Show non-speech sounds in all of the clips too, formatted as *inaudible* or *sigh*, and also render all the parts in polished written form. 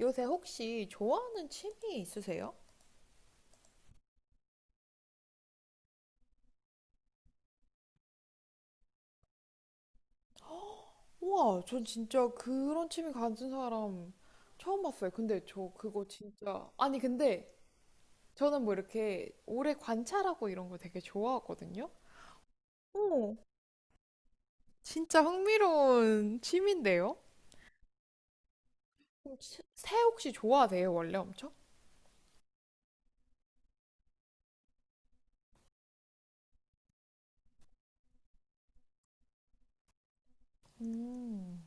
요새 혹시 좋아하는 취미 있으세요? 우와, 전 진짜 그런 취미 가진 사람 처음 봤어요. 근데 저 그거 진짜, 아니, 근데 저는 뭐 이렇게 오래 관찰하고 이런 거 되게 좋아하거든요? 오, 진짜 흥미로운 취미인데요? 그럼 새 혹시 좋아하세요, 원래 엄청? 음,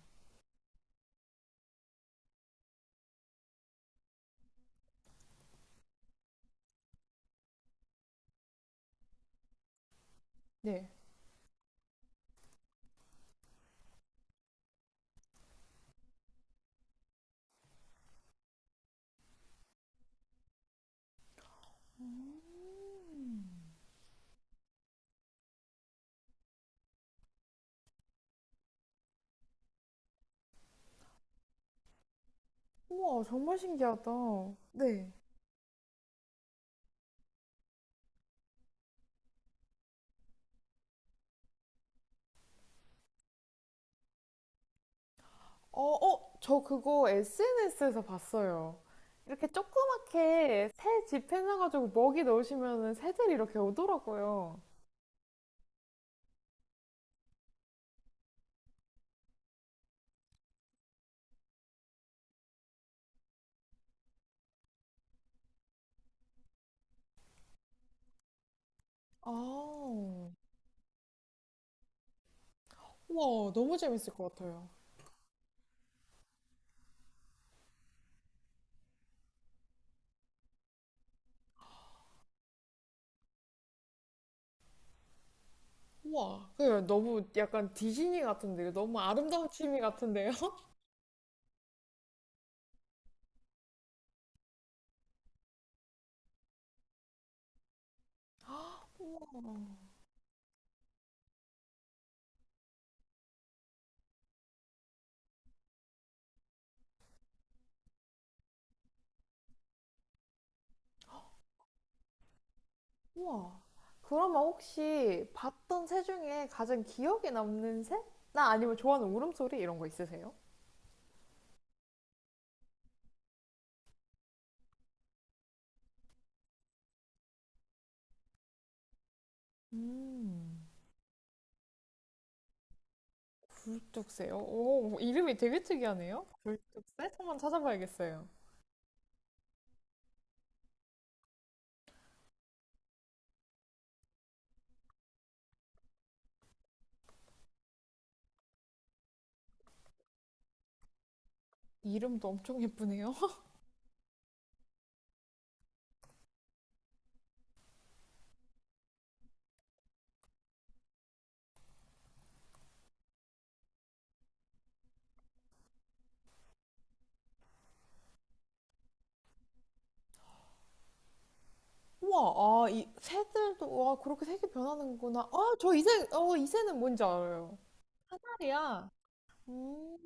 네. 우와, 정말 신기하다. 네. 어, 어, 저 그거 SNS에서 봤어요. 이렇게 조그맣게 새 집해놔가지고 먹이 넣으시면은 새들이 이렇게 오더라고요. 아, 우와, 너무 재밌을 것 같아요. 우와, 그 너무 약간 디즈니 같은데요. 너무 아름다운 취미 같은데요. *laughs* 우와, 우와. 그러면 혹시 봤던 새 중에 가장 기억에 남는 새? 나 아니면 좋아하는 울음소리 이런 거 있으세요? 음. 굴뚝새요. 오, 뭐 이름이 되게 특이하네요. 굴뚝새 한번 찾아봐야겠어요. 이름도 엄청 예쁘네요. *laughs* 우와, 아, 이 새들도, 와, 그렇게 색이 변하는구나. 아, 저 이 새, 이 새는 뭔지 알아요. 사다리야. 음,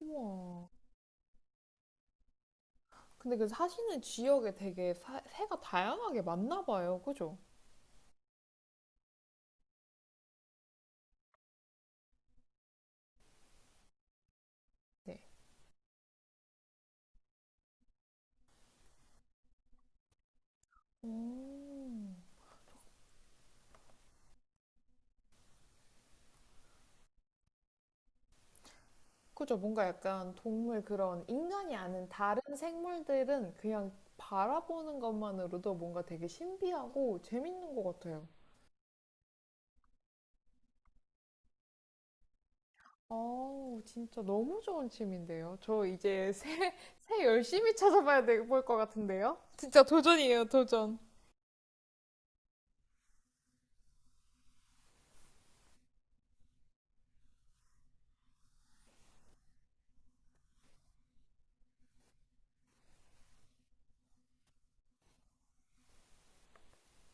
우와. 근데 그 사시는 지역에 되게 새가 다양하게 많나 봐요. 그죠? 네. 음. 그죠. 뭔가 약간 동물 그런 인간이 아닌 다른 생물들은 그냥 바라보는 것만으로도 뭔가 되게 신비하고 재밌는 것 같아요. 아우, 진짜 너무 좋은 취미인데요. 저 이제 새, 열심히 찾아봐야 될 것 같은데요. 진짜 도전이에요, 도전.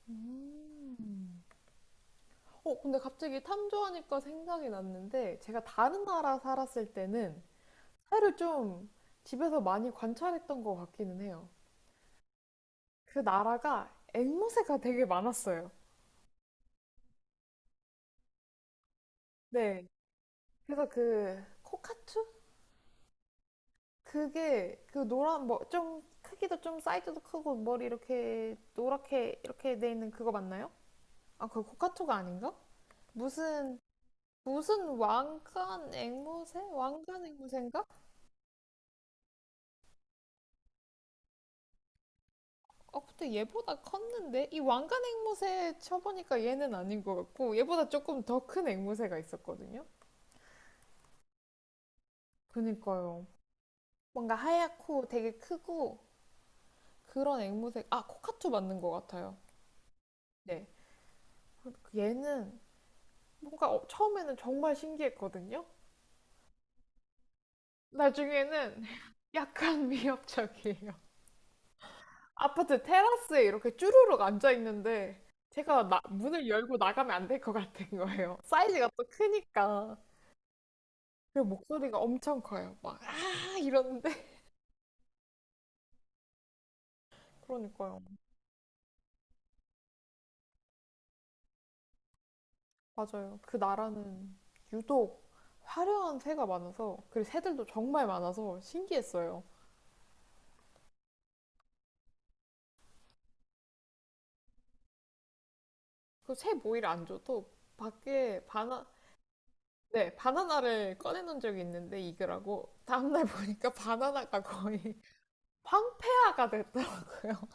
음. 근데 갑자기 탐조하니까 생각이 났는데 제가 다른 나라 살았을 때는 새를 좀 집에서 많이 관찰했던 것 같기는 해요. 그 나라가 앵무새가 되게 많았어요. 네. 그래서 그 코카투? 그게 그 노란 뭐 좀 크기도 좀 사이즈도 크고 머리 이렇게 노랗게 이렇게 돼 있는 그거 맞나요? 아, 그 코카투가 아닌가? 무슨 무슨 왕관 앵무새? 왕관 앵무새인가? 아, 근데 얘보다 컸는데 이 왕관 앵무새 쳐보니까 얘는 아닌 것 같고 얘보다 조금 더 큰 앵무새가 있었거든요. 그니까요. 뭔가 하얗고 되게 크고 그런 앵무새. 아, 코카투 맞는 것 같아요. 네. 얘는 뭔가 처음에는 정말 신기했거든요. 나중에는 *laughs* 약간 위협적이에요. 아파트 테라스에 이렇게 쭈루룩 앉아 있는데 제가 문을 열고 나가면 안 될 것 같은 거예요. 사이즈가 또 크니까. 그리고 목소리가 엄청 커요. 막, 아! 이러는데. *laughs* 그러니까요. 맞아요. 그 나라는 유독 화려한 새가 많아서, 그리고 새들도 정말 많아서 신기했어요. 그 새 모이를 안 줘도 밖에 바나, 네, 바나나를 꺼내놓은 적이 있는데 익으라고 다음날 보니까 바나나가 거의 *laughs* 황폐화가 됐더라고요.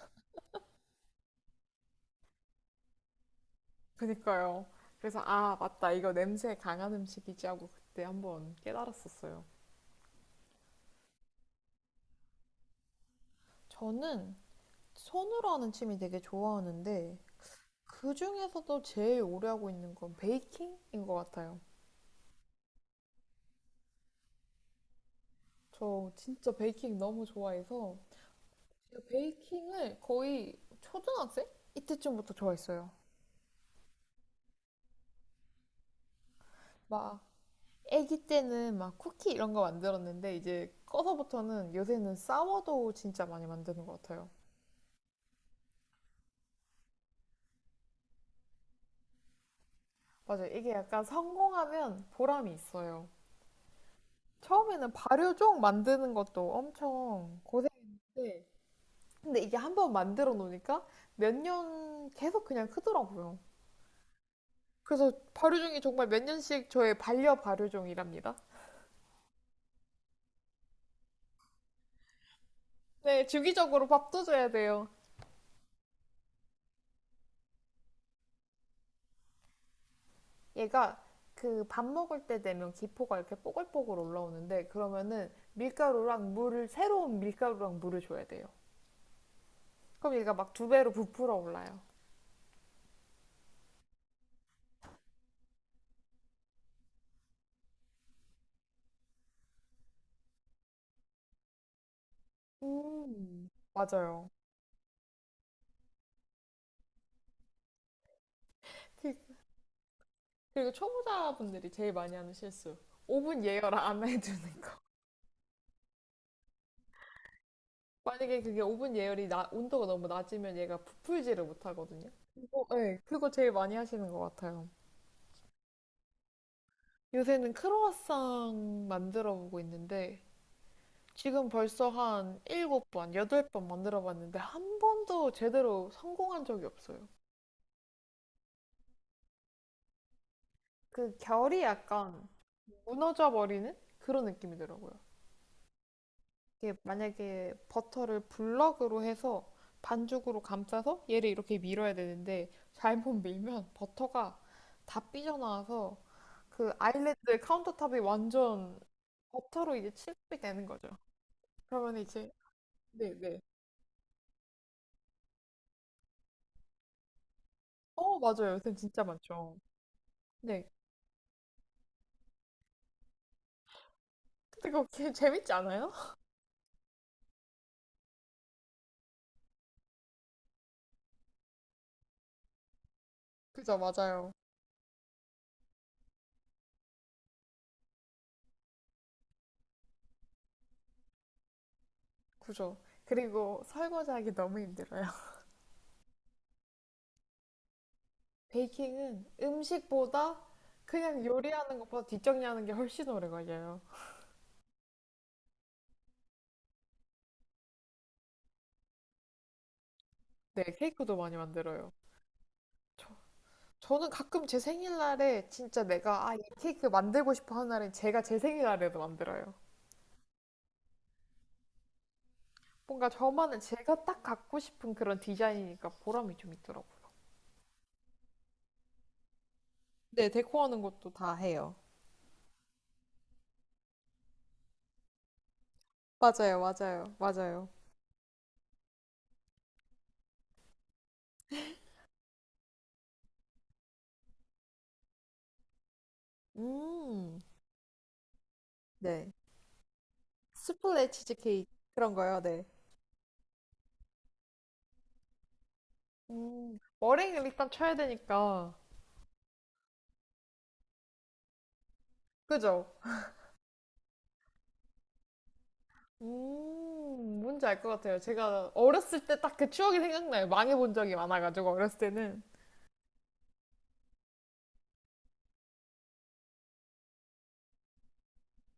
*laughs* 그니까요. 그래서 아, 맞다. 이거 냄새 강한 음식이지 하고 그때 한번 깨달았었어요. 저는 손으로 하는 취미 되게 좋아하는데 그 중에서도 제일 오래 하고 있는 건 베이킹인 것 같아요. 저 진짜 베이킹 너무 좋아해서 제가 베이킹을 거의 초등학생? 이때쯤부터 좋아했어요. 막 아기 때는 막 쿠키 이런 거 만들었는데 이제 커서부터는 요새는 싸워도 진짜 많이 만드는 것 같아요. 맞아요. 이게 약간 성공하면 보람이 있어요. 처음에는 발효종 만드는 것도 엄청 고생했는데 근데 이게 한번 만들어 놓으니까 몇 년 계속 그냥 크더라고요. 그래서 발효종이 정말 몇 년씩 저의 반려 발효종이랍니다. 네, 주기적으로 밥도 줘야 돼요. 얘가 그 밥 먹을 때 되면 기포가 이렇게 뽀글뽀글 올라오는데 그러면은 밀가루랑 물을 새로운 밀가루랑 물을 줘야 돼요. 그럼 얘가 막 두 배로 부풀어 올라요. 음. 맞아요. 그- 그리고 초보자분들이 제일 많이 하는 실수. 오븐 예열 안 해두는 거. *laughs* 만약에 그게 오븐 예열이 온도가 너무 낮으면 얘가 부풀지를 못하거든요. 그거, 네, 그거 제일 많이 하시는 것 같아요. 요새는 크로와상 만들어 보고 있는데 지금 벌써 한 7번, 8번 만들어 봤는데 한 번도 제대로 성공한 적이 없어요. 그 결이 약간 무너져 버리는 그런 느낌이더라고요. 이게 만약에 버터를 블럭으로 해서 반죽으로 감싸서 얘를 이렇게 밀어야 되는데 잘못 밀면 버터가 다 삐져나와서 그 아일랜드 카운터탑이 완전 버터로 이제 칠 u 이 되는 거죠. 그러면 이제 네네. 어, 맞아요. 요새 진짜 많죠. 네. 근데 그거 *laughs* 재밌지 않아요? 그죠, 맞아요. 그죠. 그리고 설거지하기 너무 힘들어요. *laughs* 베이킹은 음식보다 그냥 요리하는 것보다 뒷정리하는 게 훨씬 오래 걸려요. 네, 케이크도 많이 만들어요. 저, 저는 가끔 제 생일날에 진짜 내가 아, 이 케이크 만들고 싶어 하는 날엔 제가 제 생일날에도 만들어요. 뭔가 저만의 제가 딱 갖고 싶은 그런 디자인이니까 보람이 좀 있더라고요. 네, 데코하는 것도 다 해요. 맞아요, 맞아요, 맞아요. 음, 네. 수플레 치즈케이크 그런 거요, 네. 머랭을 일단 쳐야 되니까. 그죠? 뭔지 알 것 같아요. 제가 어렸을 때 딱 그 추억이 생각나요. 망해본 적이 많아가지고, 어렸을 때는.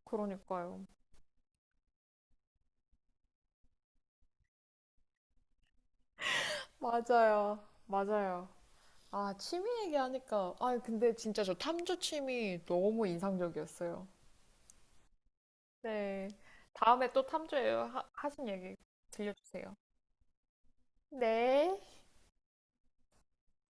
그러니까요. 맞아요. 맞아요. 아, 취미 얘기하니까. 아, 근데 진짜 저 탐조 취미 너무 인상적이었어요. 네. 다음에 또 탐조예요. 하신 얘기 들려주세요. 네.